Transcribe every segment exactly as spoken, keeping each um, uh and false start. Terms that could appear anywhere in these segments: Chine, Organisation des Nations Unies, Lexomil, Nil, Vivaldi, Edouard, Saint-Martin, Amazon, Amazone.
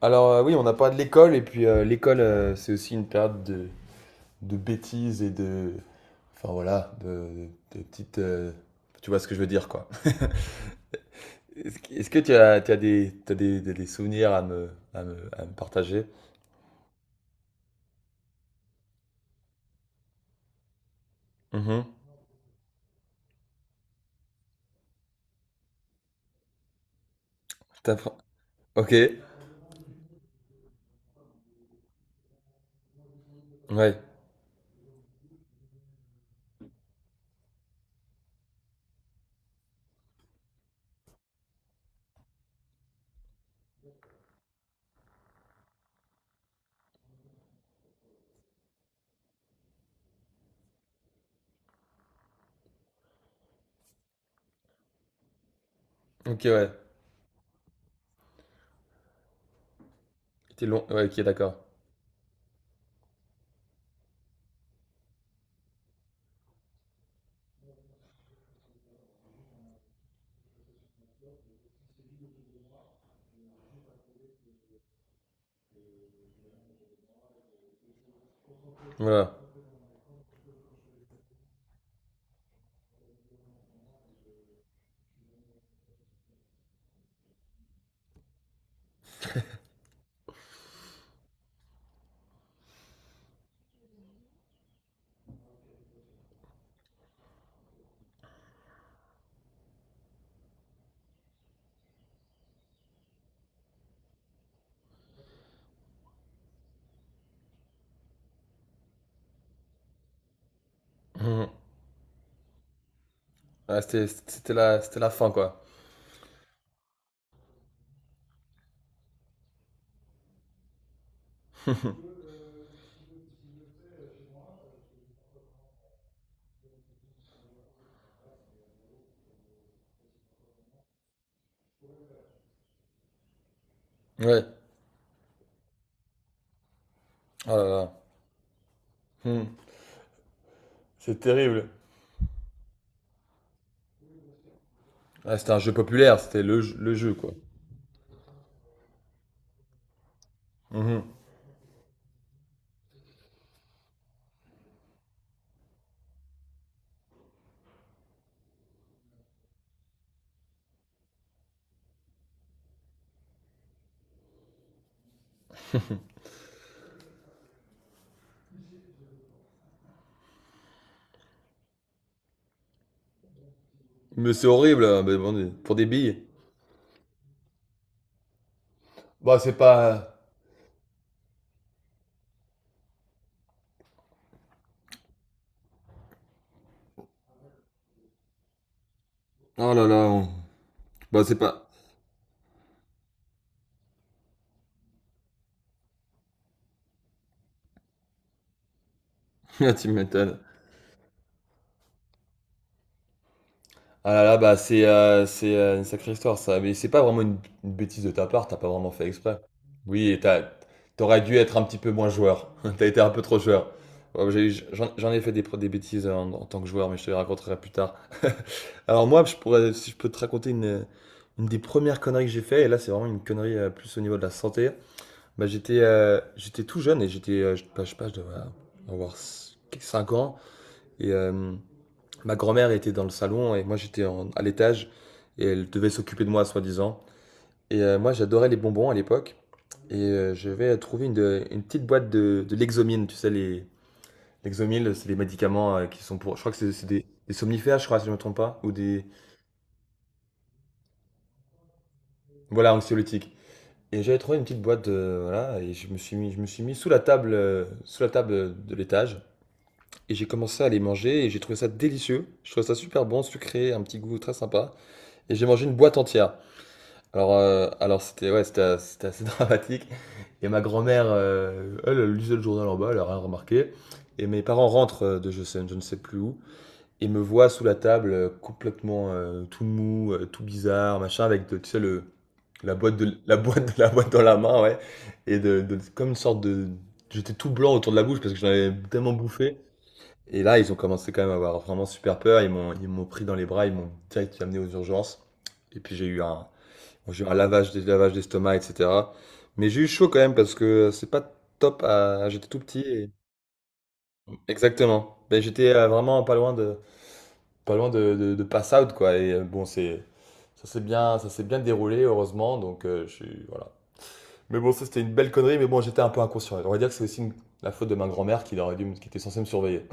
Alors euh, oui, on a parlé de l'école et puis euh, l'école, euh, c'est aussi une période de, de bêtises et de, enfin voilà, de, de petites, euh, tu vois ce que je veux dire quoi. Est-ce que, est-ce que tu as, tu as des, t'as des, des, des souvenirs à me, à me, à me partager? Mhm. T'as pr- Ok. Ouais. Ok, ouais. C'était long. Ouais. Ok, d'accord. Voilà. Mhm. Ah, c'était, c'était la, c'était la fin quoi. Ouais. Oh là là. Mhm. C'est terrible. Ah, c'était un jeu populaire. C'était le, le jeu quoi. Mhm. Mais c'est horrible, hein, mais bon, pour des billes. Bah, c'est pas. Euh, Oh là là, on- bah c'est pas. Ah, tu m'étonnes. Ah là là, bah c'est euh, c'est euh, une sacrée histoire ça. Mais c'est pas vraiment une, une bêtise de ta part, t'as pas vraiment fait exprès. Oui, et t'as, t'aurais dû être un petit peu moins joueur. T'as été un peu trop joueur. Ouais, bah, j'ai eu- j'en, j'en ai fait des, pro- des bêtises en, en tant que joueur, mais je te les raconterai plus tard. Alors moi, je pourrais, si je peux te raconter une, une des premières conneries que j'ai fait, et là c'est vraiment une connerie euh, plus au niveau de la santé. Bah, j'étais euh, j'étais tout jeune et j'étais, euh, je, bah, je sais pas, je devais avoir cinq ans. Et euh, ma grand-mère était dans le salon et moi j'étais en- à l'étage et elle devait s'occuper de moi, soi-disant. Et euh, moi j'adorais les bonbons à l'époque. Et euh, je vais trouver une, de- une petite boîte de, de Lexomil, tu sais, les Lexomil, c'est des médicaments euh, qui sont pour. Je crois que c'est c'est des, des somnifères, je crois, si je me trompe pas, ou des. Voilà, anxiolytiques. Et j'avais trouvé une petite boîte, de- voilà, et je me suis mis, je me suis mis sous la table, euh, sous la table de l'étage. Et j'ai commencé à les manger et j'ai trouvé ça délicieux. Je trouvais ça super bon, sucré, un petit goût très sympa. Et j'ai mangé une boîte entière. Alors, euh, alors c'était ouais, c'était as- c'était assez dramatique. Et ma grand-mère, euh, elle, elle lisait le journal en bas, elle a rien remarqué. Et mes parents rentrent euh, de je, sais- je ne sais plus où et me voient sous la table euh, complètement euh, tout mou, euh, tout bizarre, machin, avec de- tu sais, le, la boîte de la boîte de la boîte dans la main, ouais. Et de, de- comme une sorte de... J'étais tout blanc autour de la bouche parce que j'en avais tellement bouffé. Et là, ils ont commencé quand même à avoir vraiment super peur. Ils m'ont, ils m'ont pris dans les bras, ils m'ont direct amené aux urgences. Et puis j'ai eu un, j'ai eu un lavage, des lavages d'estomac, et cetera. Mais j'ai eu chaud quand même parce que c'est pas top. à- J'étais tout petit. et- Exactement. Ben, j'étais euh, vraiment pas loin de, pas loin de, de, de pass out quoi. Et euh, bon, c'est, ça s'est bien, ça s'est bien déroulé heureusement. Donc euh, je suis, voilà. Mais bon, ça c'était une belle connerie. Mais bon, j'étais un peu inconscient. On va dire que c'est aussi une- la faute de ma grand-mère qui aurait dû, me- qui était censée me surveiller.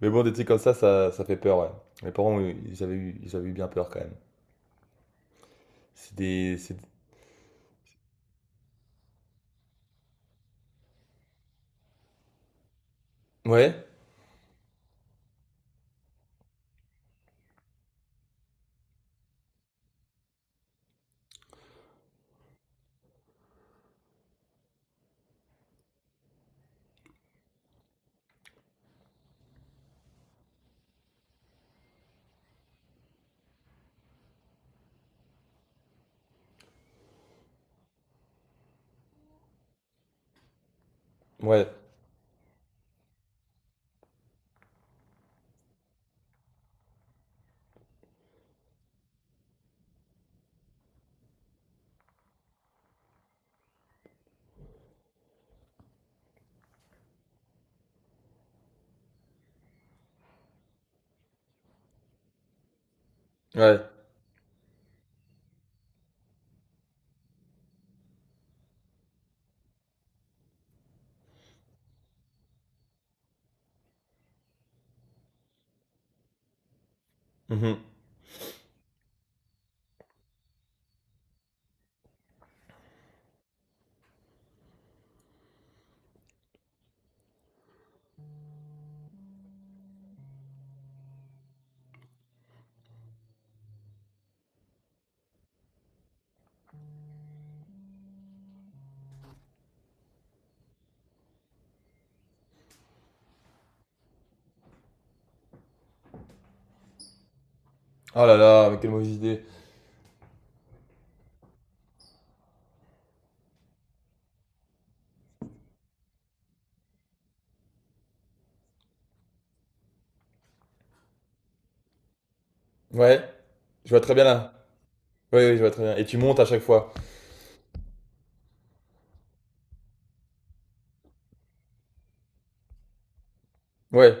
Mais bon, des trucs comme ça, ça, ça fait peur, ouais. Mes parents, oui, ils avaient eu, ils avaient eu bien peur quand même. C'est des. C'est- Ouais, ouais, ouais. Mhm. Oh là là, mais quelle mauvaise idée. Ouais, je vois très bien là. Oui, oui, je vois très bien. Et tu montes à chaque fois. Ouais,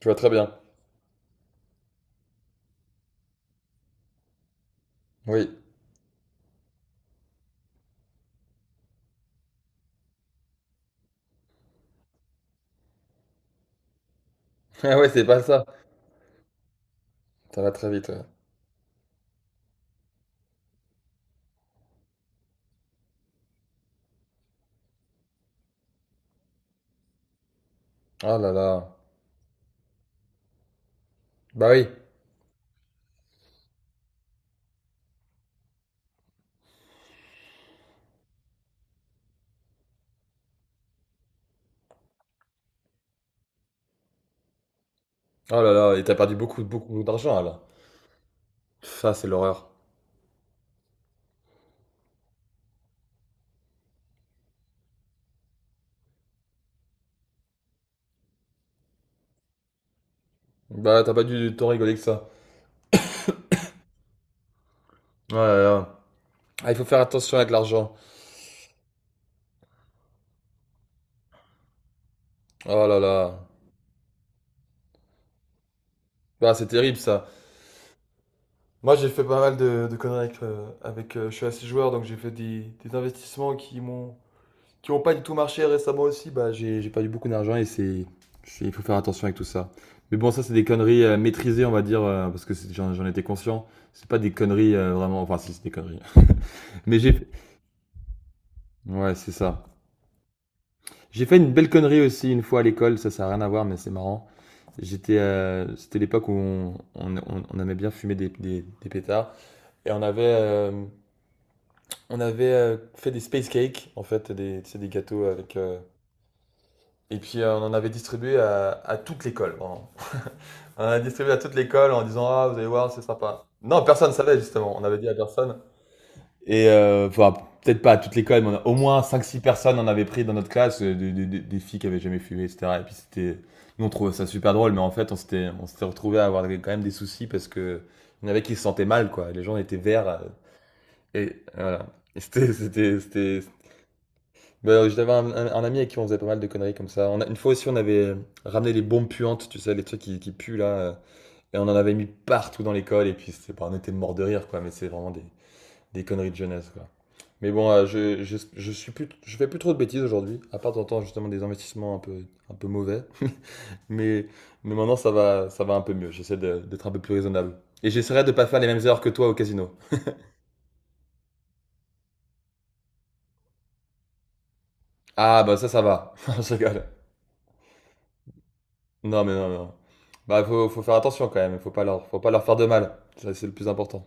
je vois très bien. Oui. Ah ouais, c'est pas ça. Ça va très vite, ouais. Oh là là. Bah oui. Oh là là, et t'as perdu beaucoup, beaucoup d'argent là. Ça, c'est l'horreur. Bah, t'as pas dû t'en rigoler que ça. Oh là là. Ah, il faut faire attention avec l'argent. Oh là là. Bah, c'est terrible ça. Moi, j'ai fait pas mal de, de conneries avec, euh, avec, euh, je suis assez joueur, donc j'ai fait des, des investissements qui m'ont qui ont pas du tout marché récemment aussi. Bah, j'ai j'ai perdu beaucoup d'argent et c'est c'est- il faut faire attention avec tout ça. Mais bon, ça c'est des conneries euh, maîtrisées, on va dire, euh, parce que c'est- j'en j'en étais conscient. C'est pas des conneries euh, vraiment, enfin si c'est des conneries. Mais j'ai fait- ouais c'est ça. J'ai fait une belle connerie aussi une fois à l'école. Ça ça a rien à voir, mais c'est marrant. J'étais, euh, c'était l'époque où on, on, on- on aimait bien fumer des, des, des pétards et on avait euh, on avait euh, fait des space cakes, en fait, des, tu des gâteaux avec. euh, Et puis euh, on en avait distribué à, à toute l'école, vraiment. On en a distribué à toute l'école en disant: Ah, vous allez voir, c'est sympa. Non, personne ne savait justement, on avait dit à personne. Et euh, enfin, peut-être pas à toute l'école, mais on a- au moins cinq six personnes en avait pris dans notre classe, euh, des, des- des- des filles qui avaient jamais fumé, et cetera. Et puis c'était. Nous on trouvait ça super drôle, mais en fait on s'était on s'était retrouvés à avoir quand même des soucis parce que il y en avait qui se sentaient mal, quoi. Les gens étaient verts. euh, Et voilà. Et C'était c'était- c'était- Bah, j'avais un, un- un ami avec qui on faisait pas mal de conneries comme ça. On a, une fois aussi, on avait ramené les bombes puantes, tu sais, les trucs qui, qui puent là. euh, Et on en avait mis partout dans l'école. Et puis, c'est pas, on était mort de rire, quoi. Mais c'est vraiment des, des conneries de jeunesse, quoi. Mais bon, euh, je, je, je suis plus, je fais plus trop de bêtises aujourd'hui. À part, de temps en temps, justement, des investissements un peu, un peu mauvais. Mais, mais maintenant, ça va, ça va un peu mieux. J'essaie de- d'être un peu plus raisonnable. Et j'essaierai de pas faire les mêmes erreurs que toi au casino. Ah, bah ça, ça va. Je rigole. Non, mais non, mais non. Bah, faut, faut faire attention quand même. Faut pas leur, faut pas leur faire de mal. Ça, c'est le plus important.